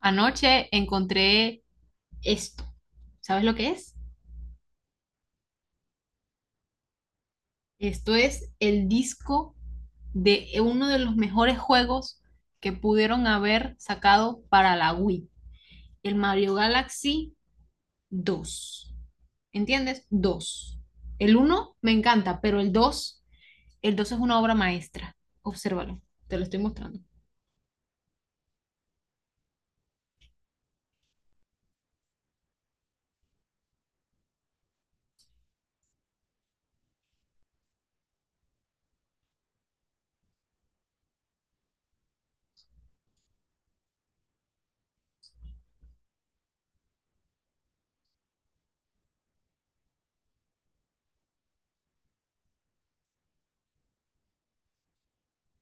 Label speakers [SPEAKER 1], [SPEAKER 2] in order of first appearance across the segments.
[SPEAKER 1] Anoche encontré esto. ¿Sabes lo que es? Esto es el disco de uno de los mejores juegos que pudieron haber sacado para la Wii, el Mario Galaxy dos. ¿Entiendes? ¿Dos? El uno me encanta, pero el dos es una obra maestra. Obsérvalo, te lo estoy mostrando.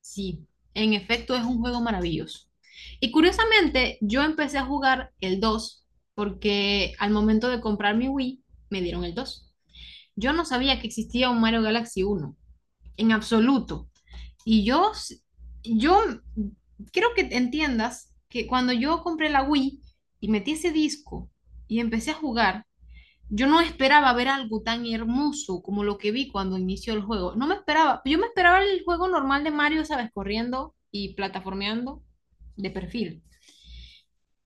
[SPEAKER 1] Sí, en efecto es un juego maravilloso. Y curiosamente, yo empecé a jugar el 2 porque al momento de comprar mi Wii me dieron el 2. Yo no sabía que existía un Mario Galaxy uno, en absoluto. Y yo, yo quiero que entiendas que cuando yo compré la Wii y metí ese disco y empecé a jugar, yo no esperaba ver algo tan hermoso como lo que vi cuando inició el juego. No me esperaba, yo me esperaba el juego normal de Mario, sabes, corriendo y plataformeando de perfil.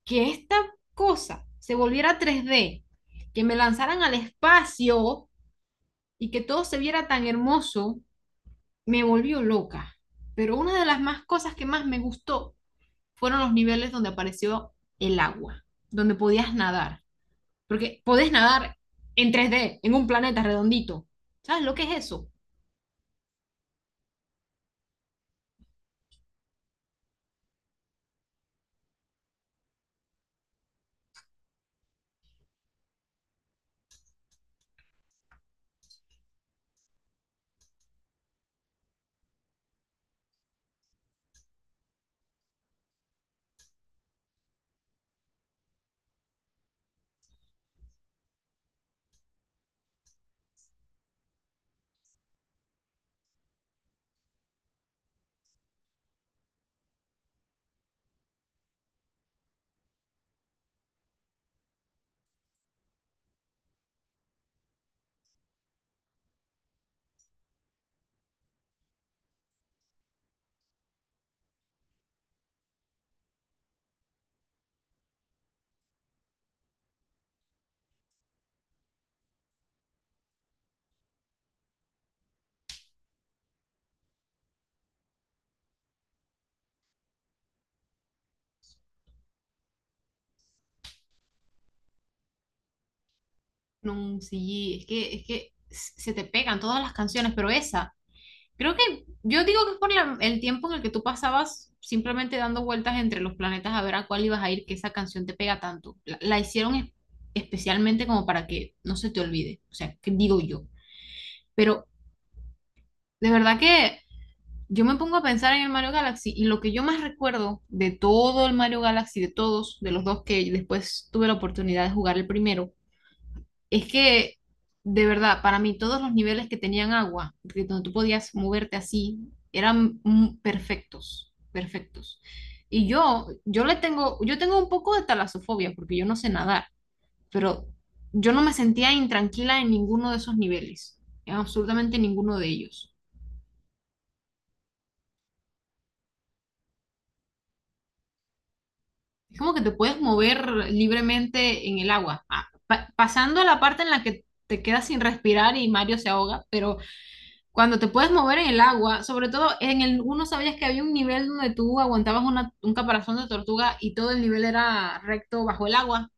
[SPEAKER 1] Que esta cosa se volviera 3D, que me lanzaran al espacio y que todo se viera tan hermoso, me volvió loca. Pero una de las más cosas que más me gustó fueron los niveles donde apareció el agua, donde podías nadar. Porque podés nadar en 3D en un planeta redondito. ¿Sabes lo que es eso? No, sí, es que se te pegan todas las canciones, pero esa, creo que yo digo que es por el tiempo en el que tú pasabas simplemente dando vueltas entre los planetas a ver a cuál ibas a ir, que esa canción te pega tanto. La hicieron especialmente como para que no se te olvide, o sea, que digo yo. Pero de verdad que yo me pongo a pensar en el Mario Galaxy y lo que yo más recuerdo de todo el Mario Galaxy, de todos, de los dos que después tuve la oportunidad de jugar el primero, es que de verdad, para mí todos los niveles que tenían agua, que donde tú podías moverte así, eran perfectos, perfectos. Yo tengo un poco de talasofobia porque yo no sé nadar, pero yo no me sentía intranquila en ninguno de esos niveles, en absolutamente ninguno de ellos. Es como que te puedes mover libremente en el agua. Ah, pasando a la parte en la que te quedas sin respirar y Mario se ahoga, pero cuando te puedes mover en el agua, sobre todo en el uno sabías que había un nivel donde tú aguantabas un caparazón de tortuga y todo el nivel era recto bajo el agua.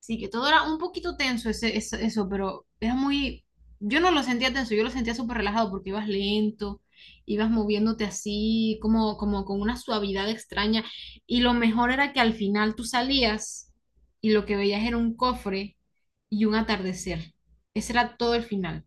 [SPEAKER 1] Sí, que todo era un poquito tenso ese, eso, pero era muy... Yo no lo sentía tenso, yo lo sentía súper relajado porque ibas lento, ibas moviéndote así, como, como con una suavidad extraña. Y lo mejor era que al final tú salías y lo que veías era un cofre y un atardecer. Ese era todo el final.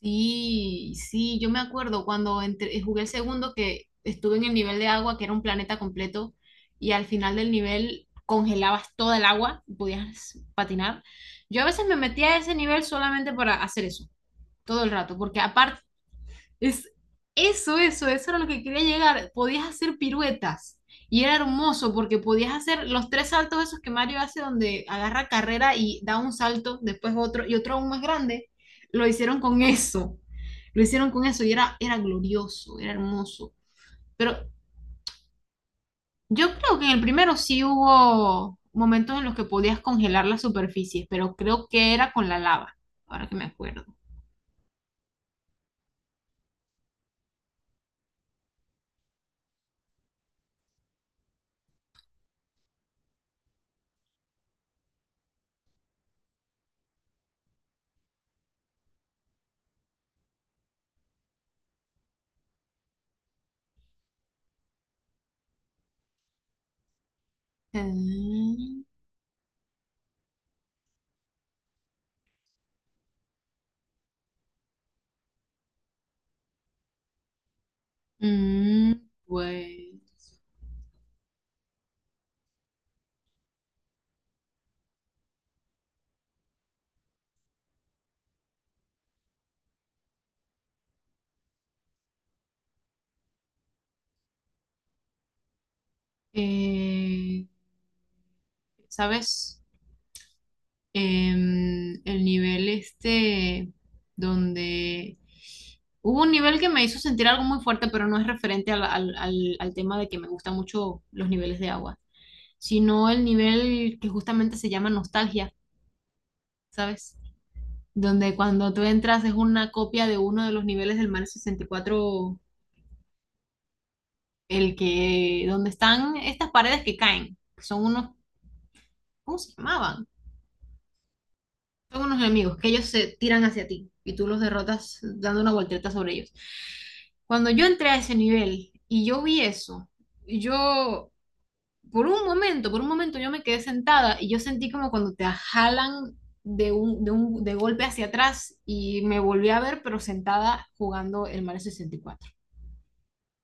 [SPEAKER 1] Sí, sí, yo me acuerdo cuando jugué el segundo que estuve en el nivel de agua, que era un planeta completo, y al final del nivel congelabas toda el agua y podías patinar. Yo a veces me metía a ese nivel solamente para hacer eso, todo el rato, porque aparte es eso era lo que quería llegar. Podías hacer piruetas y era hermoso porque podías hacer los tres saltos esos que Mario hace donde agarra carrera y da un salto, después otro y otro aún más grande. Lo hicieron con eso. Lo hicieron con eso y era, era glorioso, era hermoso. Pero yo creo que en el primero sí hubo momentos en los que podías congelar las superficies, pero creo que era con la lava, ahora que me acuerdo. Mm, mm, pues Eh, ¿sabes? El nivel este donde hubo un nivel que me hizo sentir algo muy fuerte, pero no es referente al, al tema de que me gustan mucho los niveles de agua, sino el nivel que justamente se llama nostalgia, ¿sabes? Donde cuando tú entras es una copia de uno de los niveles del Mario 64, el que, donde están estas paredes que caen, que son unos, ¿cómo se llamaban? Son unos enemigos que ellos se tiran hacia ti y tú los derrotas dando una voltereta sobre ellos. Cuando yo entré a ese nivel y yo vi eso, yo por un momento yo me quedé sentada y yo sentí como cuando te jalan de un, de golpe hacia atrás y me volví a ver pero sentada jugando el Mario 64.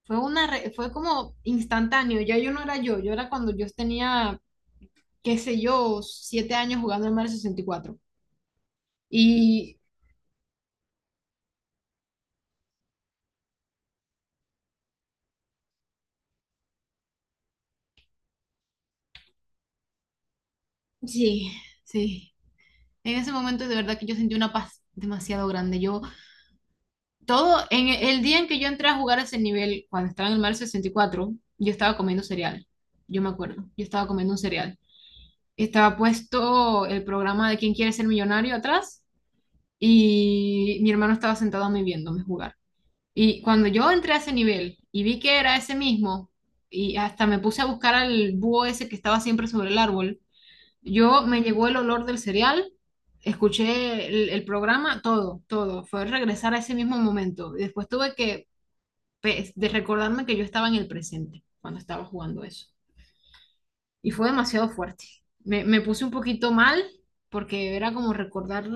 [SPEAKER 1] Fue fue como instantáneo, ya yo no era yo, yo era cuando yo tenía qué sé yo, 7 años jugando el Mario 64. Y sí, sí. En ese momento de verdad que yo sentí una paz demasiado grande. Yo, todo, en el día en que yo entré a jugar a ese nivel, cuando estaba en el mar cuatro, yo estaba comiendo cereal. Yo me acuerdo, yo estaba comiendo un cereal. Estaba puesto el programa de Quién quiere ser millonario atrás y mi hermano estaba sentado a mí viéndome jugar. Y cuando yo entré a ese nivel y vi que era ese mismo, y hasta me puse a buscar al búho ese que estaba siempre sobre el árbol, yo me llegó el olor del cereal, escuché el programa, todo, todo. Fue regresar a ese mismo momento. Y después tuve que pe- de recordarme que yo estaba en el presente cuando estaba jugando eso. Y fue demasiado fuerte. Me puse un poquito mal porque era como recordar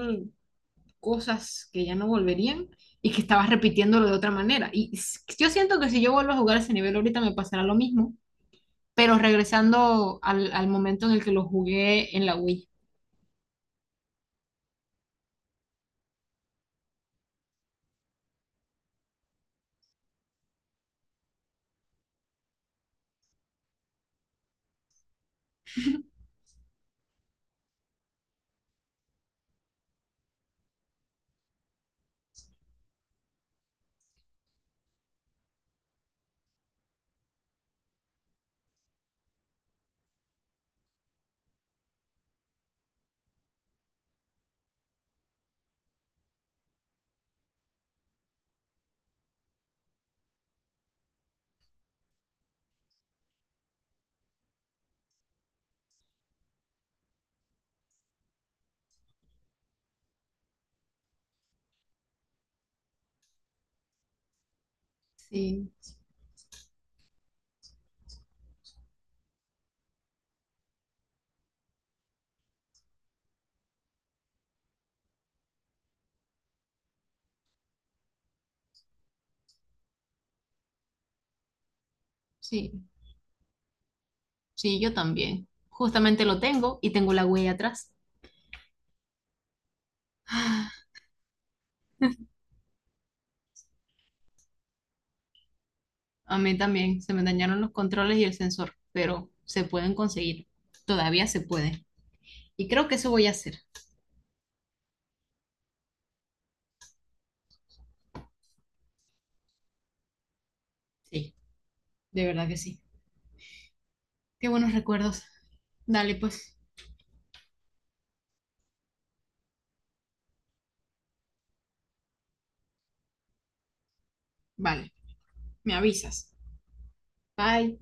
[SPEAKER 1] cosas que ya no volverían y que estaba repitiéndolo de otra manera. Yo siento que si yo vuelvo a jugar ese nivel ahorita me pasará lo mismo, pero regresando al, al momento en el que lo jugué en la Wii. Sí, sí. Sí, yo también. Justamente lo tengo y tengo la huella atrás. A mí también se me dañaron los controles y el sensor, pero se pueden conseguir. Todavía se puede. Y creo que eso voy a hacer. Sí, de verdad que sí. Qué buenos recuerdos. Dale, pues. Vale, me avisas. Bye.